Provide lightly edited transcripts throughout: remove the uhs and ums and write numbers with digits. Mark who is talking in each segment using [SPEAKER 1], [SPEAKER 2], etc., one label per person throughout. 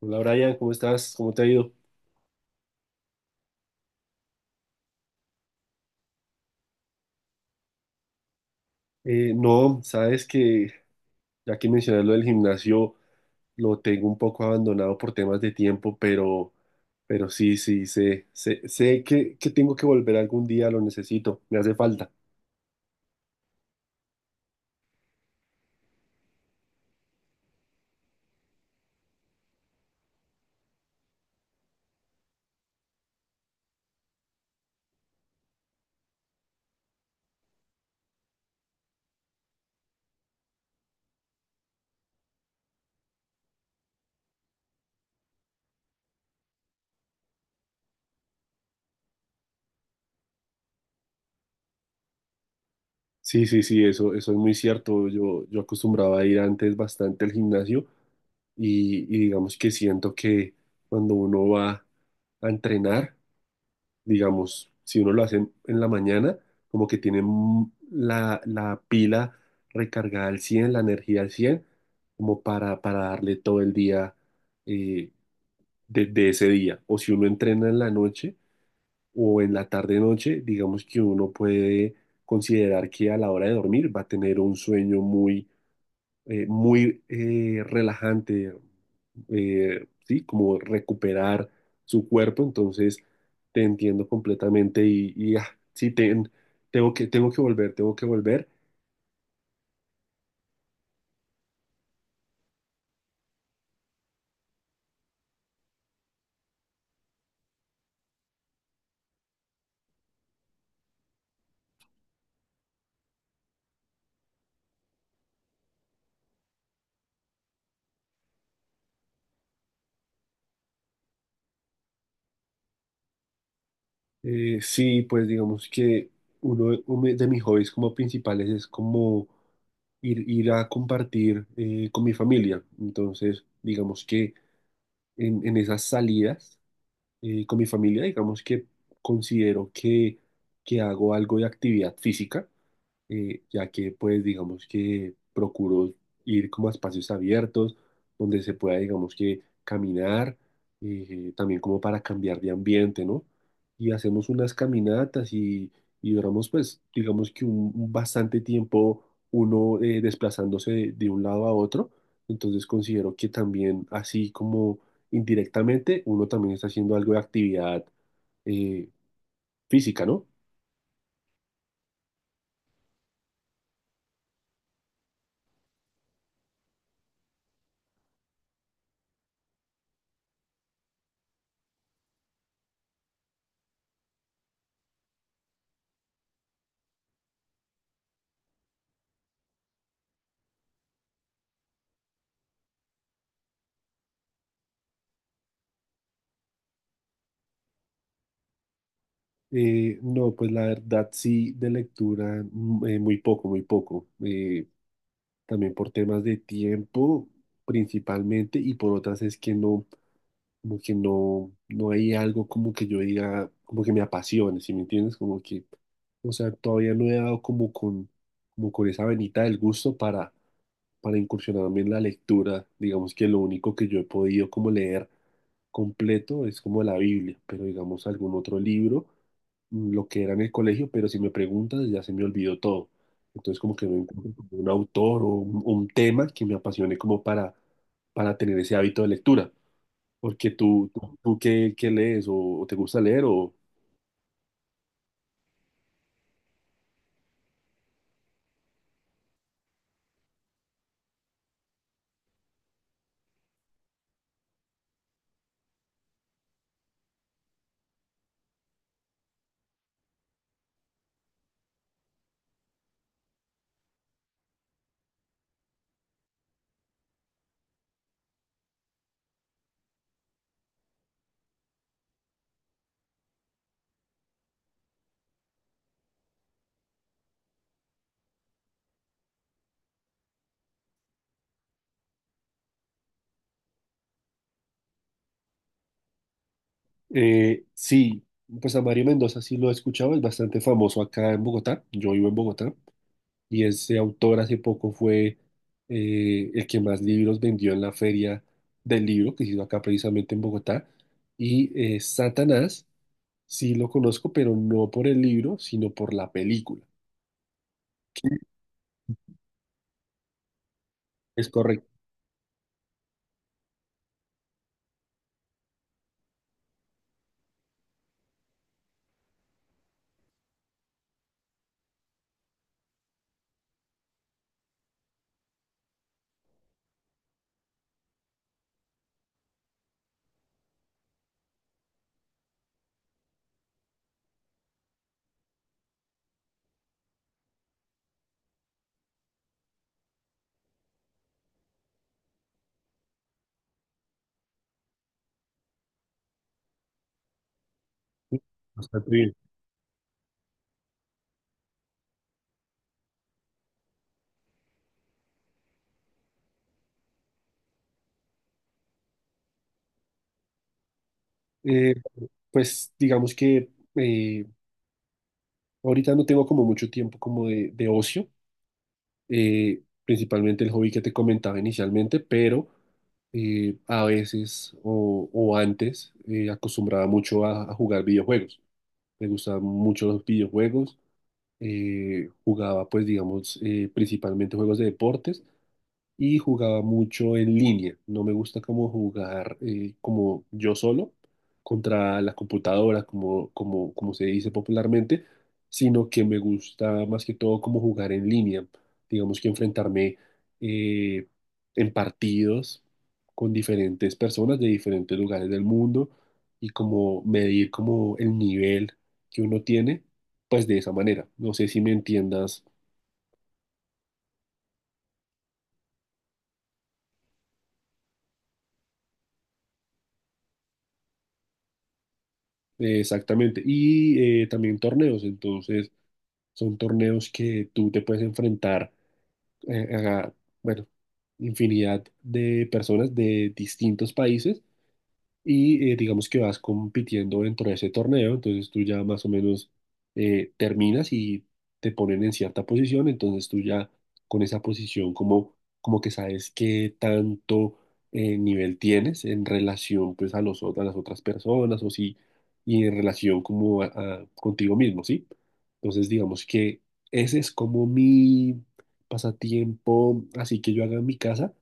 [SPEAKER 1] Hola Brian, ¿cómo estás? ¿Cómo te ha ido? No, sabes que ya que mencionas lo del gimnasio, lo tengo un poco abandonado por temas de tiempo, pero, pero sí, sé que tengo que volver algún día, lo necesito, me hace falta. Sí, sí, sí, eso es muy cierto. Yo acostumbraba a ir antes bastante al gimnasio y digamos que siento que cuando uno va a entrenar, digamos, si uno lo hace en la mañana, como que tiene la pila recargada al cien, la energía al 100 como para darle todo el día, eh, de ese día. O si uno entrena en la noche o en la tarde-noche, digamos que uno puede considerar que a la hora de dormir va a tener un sueño muy muy relajante, ¿sí? Como recuperar su cuerpo, entonces te entiendo completamente y, sí, tengo que volver, tengo que volver. Sí, pues digamos que uno de mis hobbies como principales es como ir a compartir con mi familia, entonces digamos que en esas salidas con mi familia, digamos que considero que hago algo de actividad física, ya que pues digamos que procuro ir como a espacios abiertos donde se pueda digamos que caminar, también como para cambiar de ambiente, ¿no? Y hacemos unas caminatas y duramos pues digamos que un bastante tiempo uno desplazándose de un lado a otro, entonces considero que también así como indirectamente uno también está haciendo algo de actividad eh, física, ¿no? No, pues la verdad sí, de lectura muy poco, muy poco. También por temas de tiempo principalmente y por otras es que no, como que no, no hay algo como que yo diga, como que me apasione, ¿sí me entiendes? Como que, o sea, todavía no he dado como con esa venita del gusto para incursionar también en la lectura. Digamos que lo único que yo he podido como leer completo es como la Biblia, pero digamos algún otro libro, mm, lo que era en el colegio, pero si me preguntas ya se me olvidó todo. Entonces como que no encuentro como un autor o un tema que me apasione como para tener ese hábito de lectura. Porque tú qué, qué lees o te gusta leer o... Sí, pues a Mario Mendoza sí lo he escuchado, es bastante famoso acá en Bogotá, yo vivo en Bogotá, y ese autor hace poco fue el que más libros vendió en la feria del libro que se hizo acá precisamente en Bogotá. Y Satanás, sí lo conozco, pero no por el libro, sino por la película. Es correcto. Bastante bien. Eh, pues digamos que eh, ahorita no tengo como mucho tiempo como de ocio, principalmente el hobby que te comentaba inicialmente, pero a veces o antes acostumbraba mucho a jugar videojuegos. Me gustaban mucho los videojuegos. Jugaba, pues, digamos, principalmente juegos de deportes y jugaba mucho en línea. No me gusta como jugar, como yo solo contra la computadora, como, como, como se dice popularmente, sino que me gusta más que todo como jugar en línea. Digamos que enfrentarme eh, en partidos con diferentes personas de diferentes lugares del mundo y como medir como el nivel que uno tiene, pues de esa manera. No sé si me entiendas. Exactamente. Y también torneos, entonces son torneos que tú te puedes enfrentar a, bueno, infinidad de personas de distintos países y digamos que vas compitiendo dentro de ese torneo, entonces tú ya más o menos terminas y te ponen en cierta posición, entonces tú ya con esa posición como, como que sabes qué tanto nivel tienes en relación pues a los, a las otras personas o sí, y en relación como contigo mismo, ¿sí? Entonces digamos que ese es como mi pasatiempo, así que yo haga en mi casa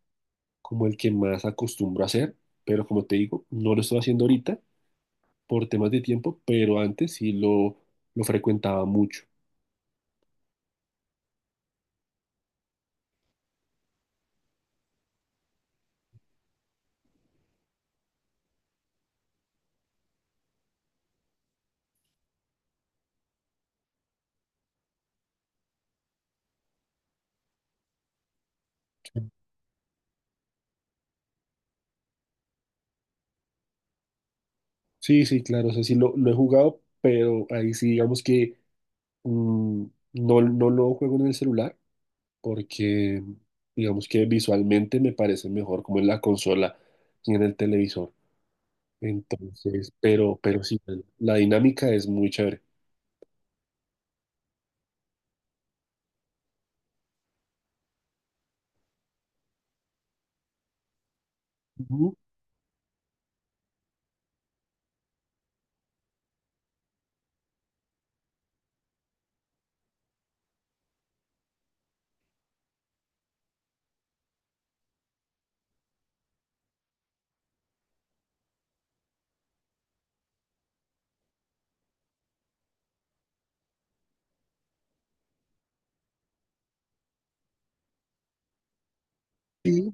[SPEAKER 1] como el que más acostumbro a hacer, pero como te digo, no lo estoy haciendo ahorita por temas de tiempo, pero antes sí lo frecuentaba mucho. Sí, sí, claro, o sea, sí lo he jugado, pero ahí sí digamos que mm, no, no lo juego en el celular porque digamos que visualmente me parece mejor como en la consola y en el televisor. Entonces, pero sí, la dinámica es muy chévere. Ujú. Sí,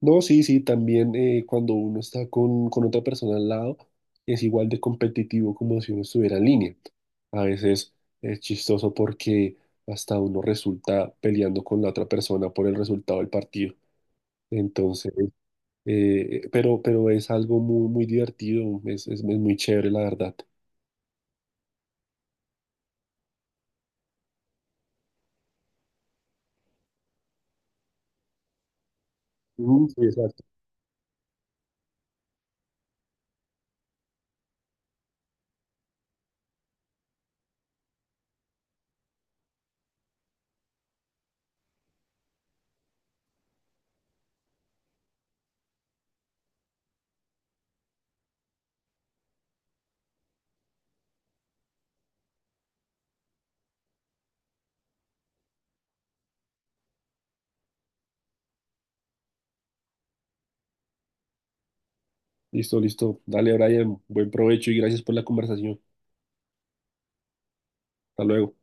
[SPEAKER 1] no, sí, sí, también cuando uno está con otra persona al lado es igual de competitivo como si uno estuviera en línea. A veces es chistoso porque hasta uno resulta peleando con la otra persona por el resultado del partido. Entonces, pero es algo muy, muy divertido, es muy chévere, la verdad. Mm, sí, exacto. Listo, listo. Dale, Brian, buen provecho y gracias por la conversación. Hasta luego.